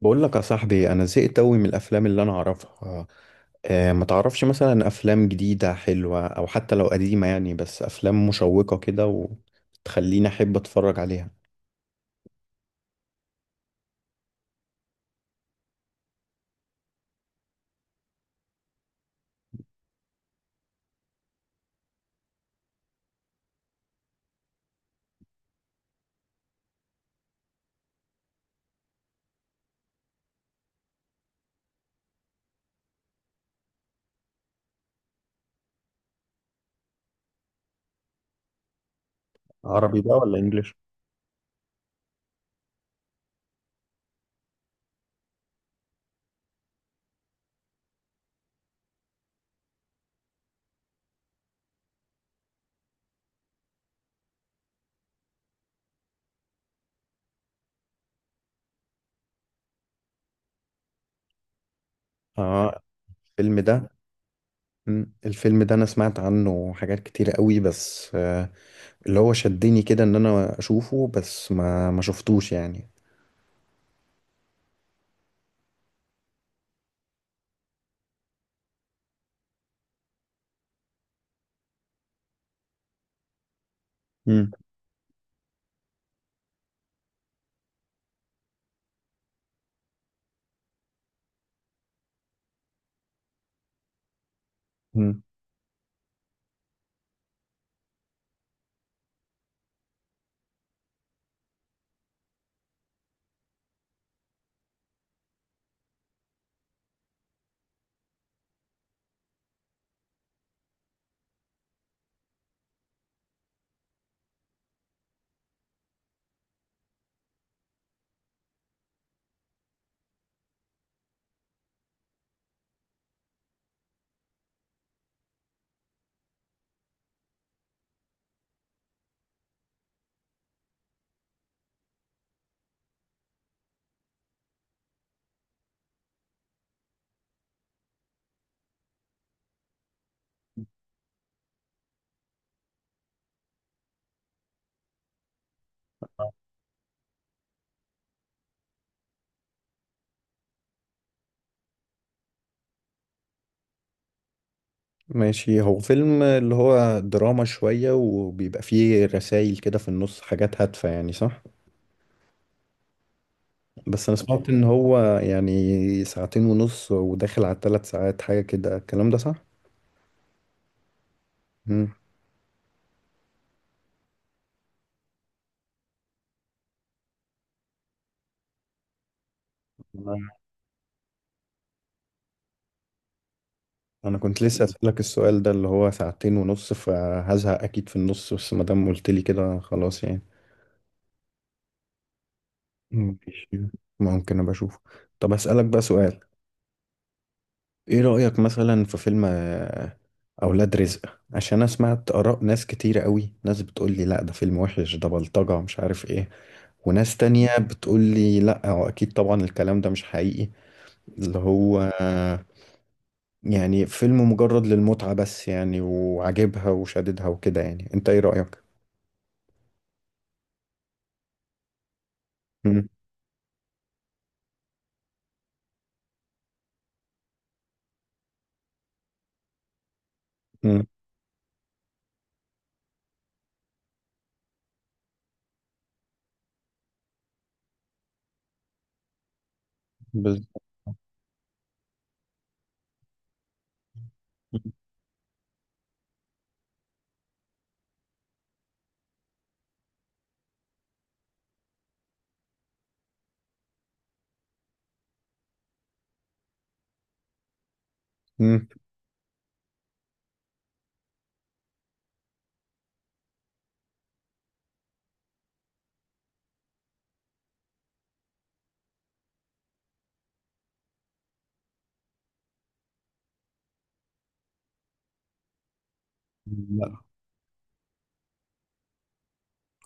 بقول لك يا صاحبي انا زهقت قوي من الافلام اللي انا اعرفها. ما تعرفش مثلا افلام جديده حلوه او حتى لو قديمه يعني بس افلام مشوقه كده وتخليني احب اتفرج عليها. عربي بقى ولا انجليش؟ اه، الفيلم ده. الفيلم ده انا سمعت عنه حاجات كتيره قوي بس اللي هو شدني كده ان انا اشوفه بس ما شفتوش يعني. مم. مم. ماشي، هو فيلم اللي هو دراما شويه وبيبقى فيه رسائل كده في النص حاجات هادفه يعني، صح؟ بس انا سمعت ان هو يعني ساعتين ونص وداخل على ثلاث ساعات حاجة كده، الكلام ده صح؟ مم. انا أنا كنت لسه اسألك السؤال ده اللي هو ساعتين ونص فهزهق اكيد في النص، بس ما دام قلت لي كده خلاص يعني. مم. ماشي. ممكن ابقى اشوفه. طب اسألك بقى سؤال، ايه رأيك مثلا في فيلم اولاد رزق؟ عشان انا سمعت اراء ناس كتيرة قوي، ناس بتقول لي لا ده فيلم وحش ده بلطجة مش عارف ايه، وناس تانية بتقول لي لا هو اكيد طبعا الكلام ده مش حقيقي، اللي هو يعني فيلم مجرد للمتعة بس يعني وعاجبها وشاددها وكده، يعني انت ايه رأيك؟ مم. مم. بز... مم. لا،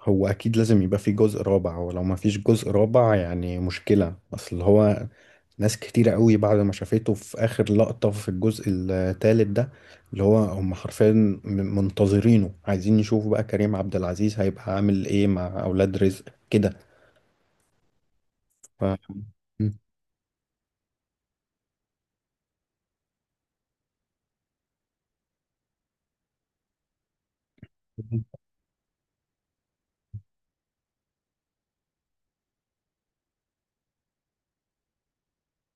هو اكيد لازم يبقى في جزء رابع، ولو ما فيش جزء رابع يعني مشكلة، اصل هو ناس كتيرة قوي بعد ما شافته في اخر لقطة في الجزء الثالث ده اللي هو هم حرفيا منتظرينه، عايزين يشوفوا بقى كريم عبد العزيز هيبقى عامل ايه مع اولاد رزق كده. ف...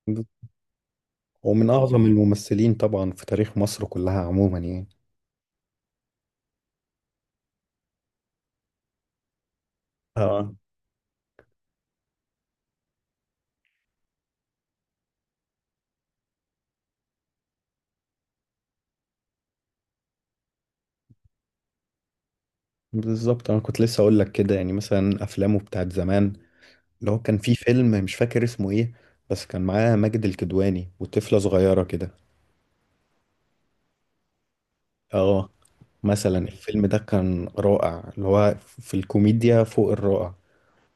مم. ومن أعظم الممثلين طبعا في تاريخ مصر كلها عموما يعني. اه، بالظبط. أنا كنت لسه أقول لك كده يعني، مثلا أفلامه بتاعت زمان اللي هو كان في فيلم مش فاكر اسمه إيه بس كان معاه ماجد الكدواني وطفلة صغيرة كده. اه، مثلا الفيلم ده كان رائع، اللي هو في الكوميديا فوق الرائع.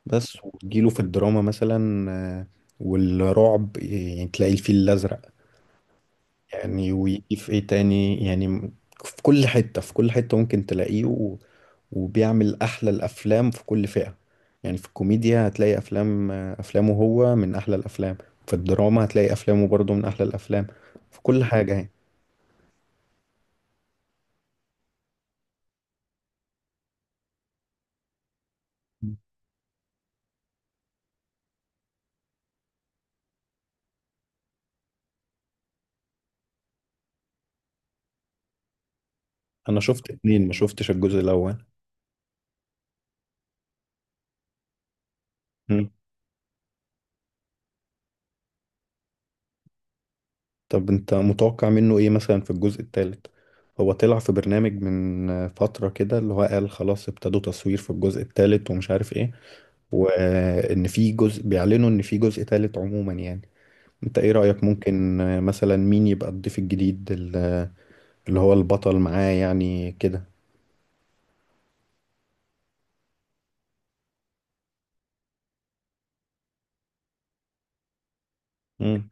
بس وتجيله في الدراما مثلا، آه، والرعب، يعني تلاقي الفيل الأزرق، يعني ويجي في إيه تاني يعني. في كل حتة، في كل حتة ممكن تلاقيه، وبيعمل أحلى الأفلام في كل فئة يعني. في الكوميديا هتلاقي أفلام، أفلامه هو من أحلى الأفلام، في الدراما هتلاقي أفلامه برضه من أحلى الأفلام، في كل حاجة يعني. أنا شفت اتنين، ما شفتش الجزء الأول. مم. طب أنت متوقع منه إيه مثلا في الجزء التالت؟ هو طلع في برنامج من فترة كده اللي هو قال خلاص ابتدوا تصوير في الجزء التالت ومش عارف إيه، وإن في جزء، بيعلنوا إن في جزء تالت عموما يعني. أنت إيه رأيك؟ ممكن مثلا مين يبقى الضيف الجديد اللي هو البطل معاه يعني كده؟ مم.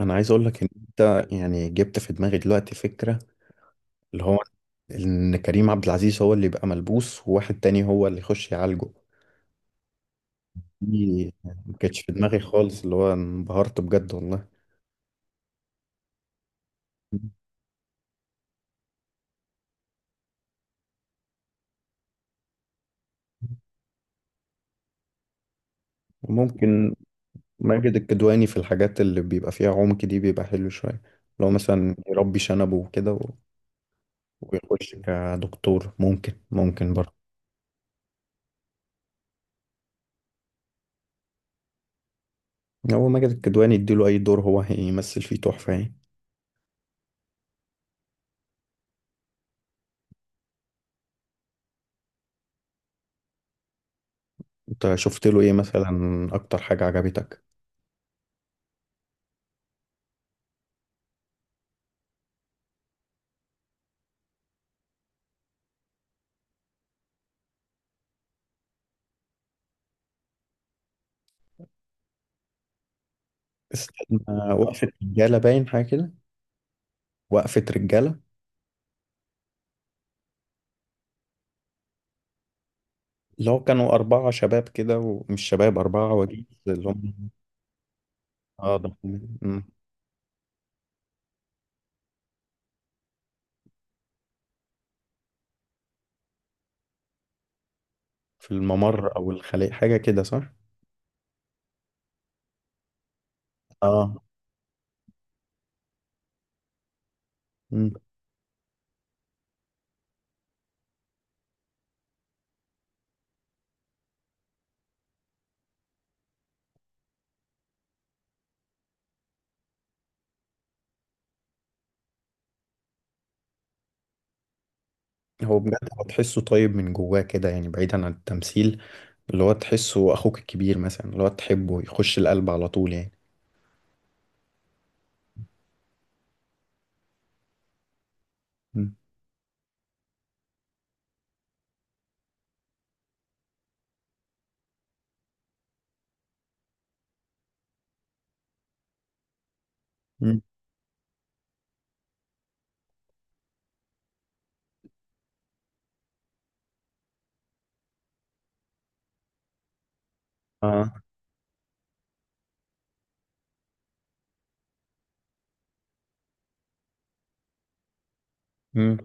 انا عايز اقول لك ان انت يعني جبت في دماغي دلوقتي فكرة، اللي هو ان كريم عبد العزيز هو اللي يبقى ملبوس وواحد تاني هو اللي يخش يعالجه. دي ما كانتش في دماغي خالص، اللي هو انبهرت بجد والله. ممكن ماجد الكدواني في الحاجات اللي بيبقى فيها عمق دي بيبقى حلو شوية، لو مثلا يربي شنبه وكده ويخش كدكتور، ممكن، ممكن برضه. هو ماجد الكدواني يديله أي دور هو هيمثل فيه تحفة يعني. انت شفت له ايه مثلا، اكتر حاجة عجبتك؟ استنى، وقفة رجالة، باين حاجة كده. وقفة رجالة، اللي هو كانوا أربعة شباب كده، ومش شباب أربعة وجيز اللي هم. اه، ده. مم. في الممر أو الخلية حاجة كده، صح؟ اه. مم. هو بجد هو تحسه طيب من جواه كده يعني بعيدا عن التمثيل، اللي هو تحسه أخوك الكبير مثلا اللي هو تحبه، يخش القلب على طول يعني. مم. مم. اه. مم.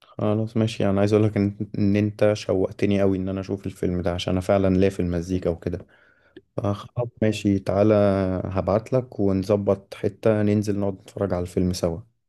خلاص ماشي، انا عايز اقول لك ان إن انت شوقتني قوي ان انا اشوف الفيلم ده، عشان انا فعلا ليا في المزيكا وكده. فخلاص ماشي تعالى، هبعت لك ونظبط حتة ننزل نقعد نتفرج على الفيلم سوا.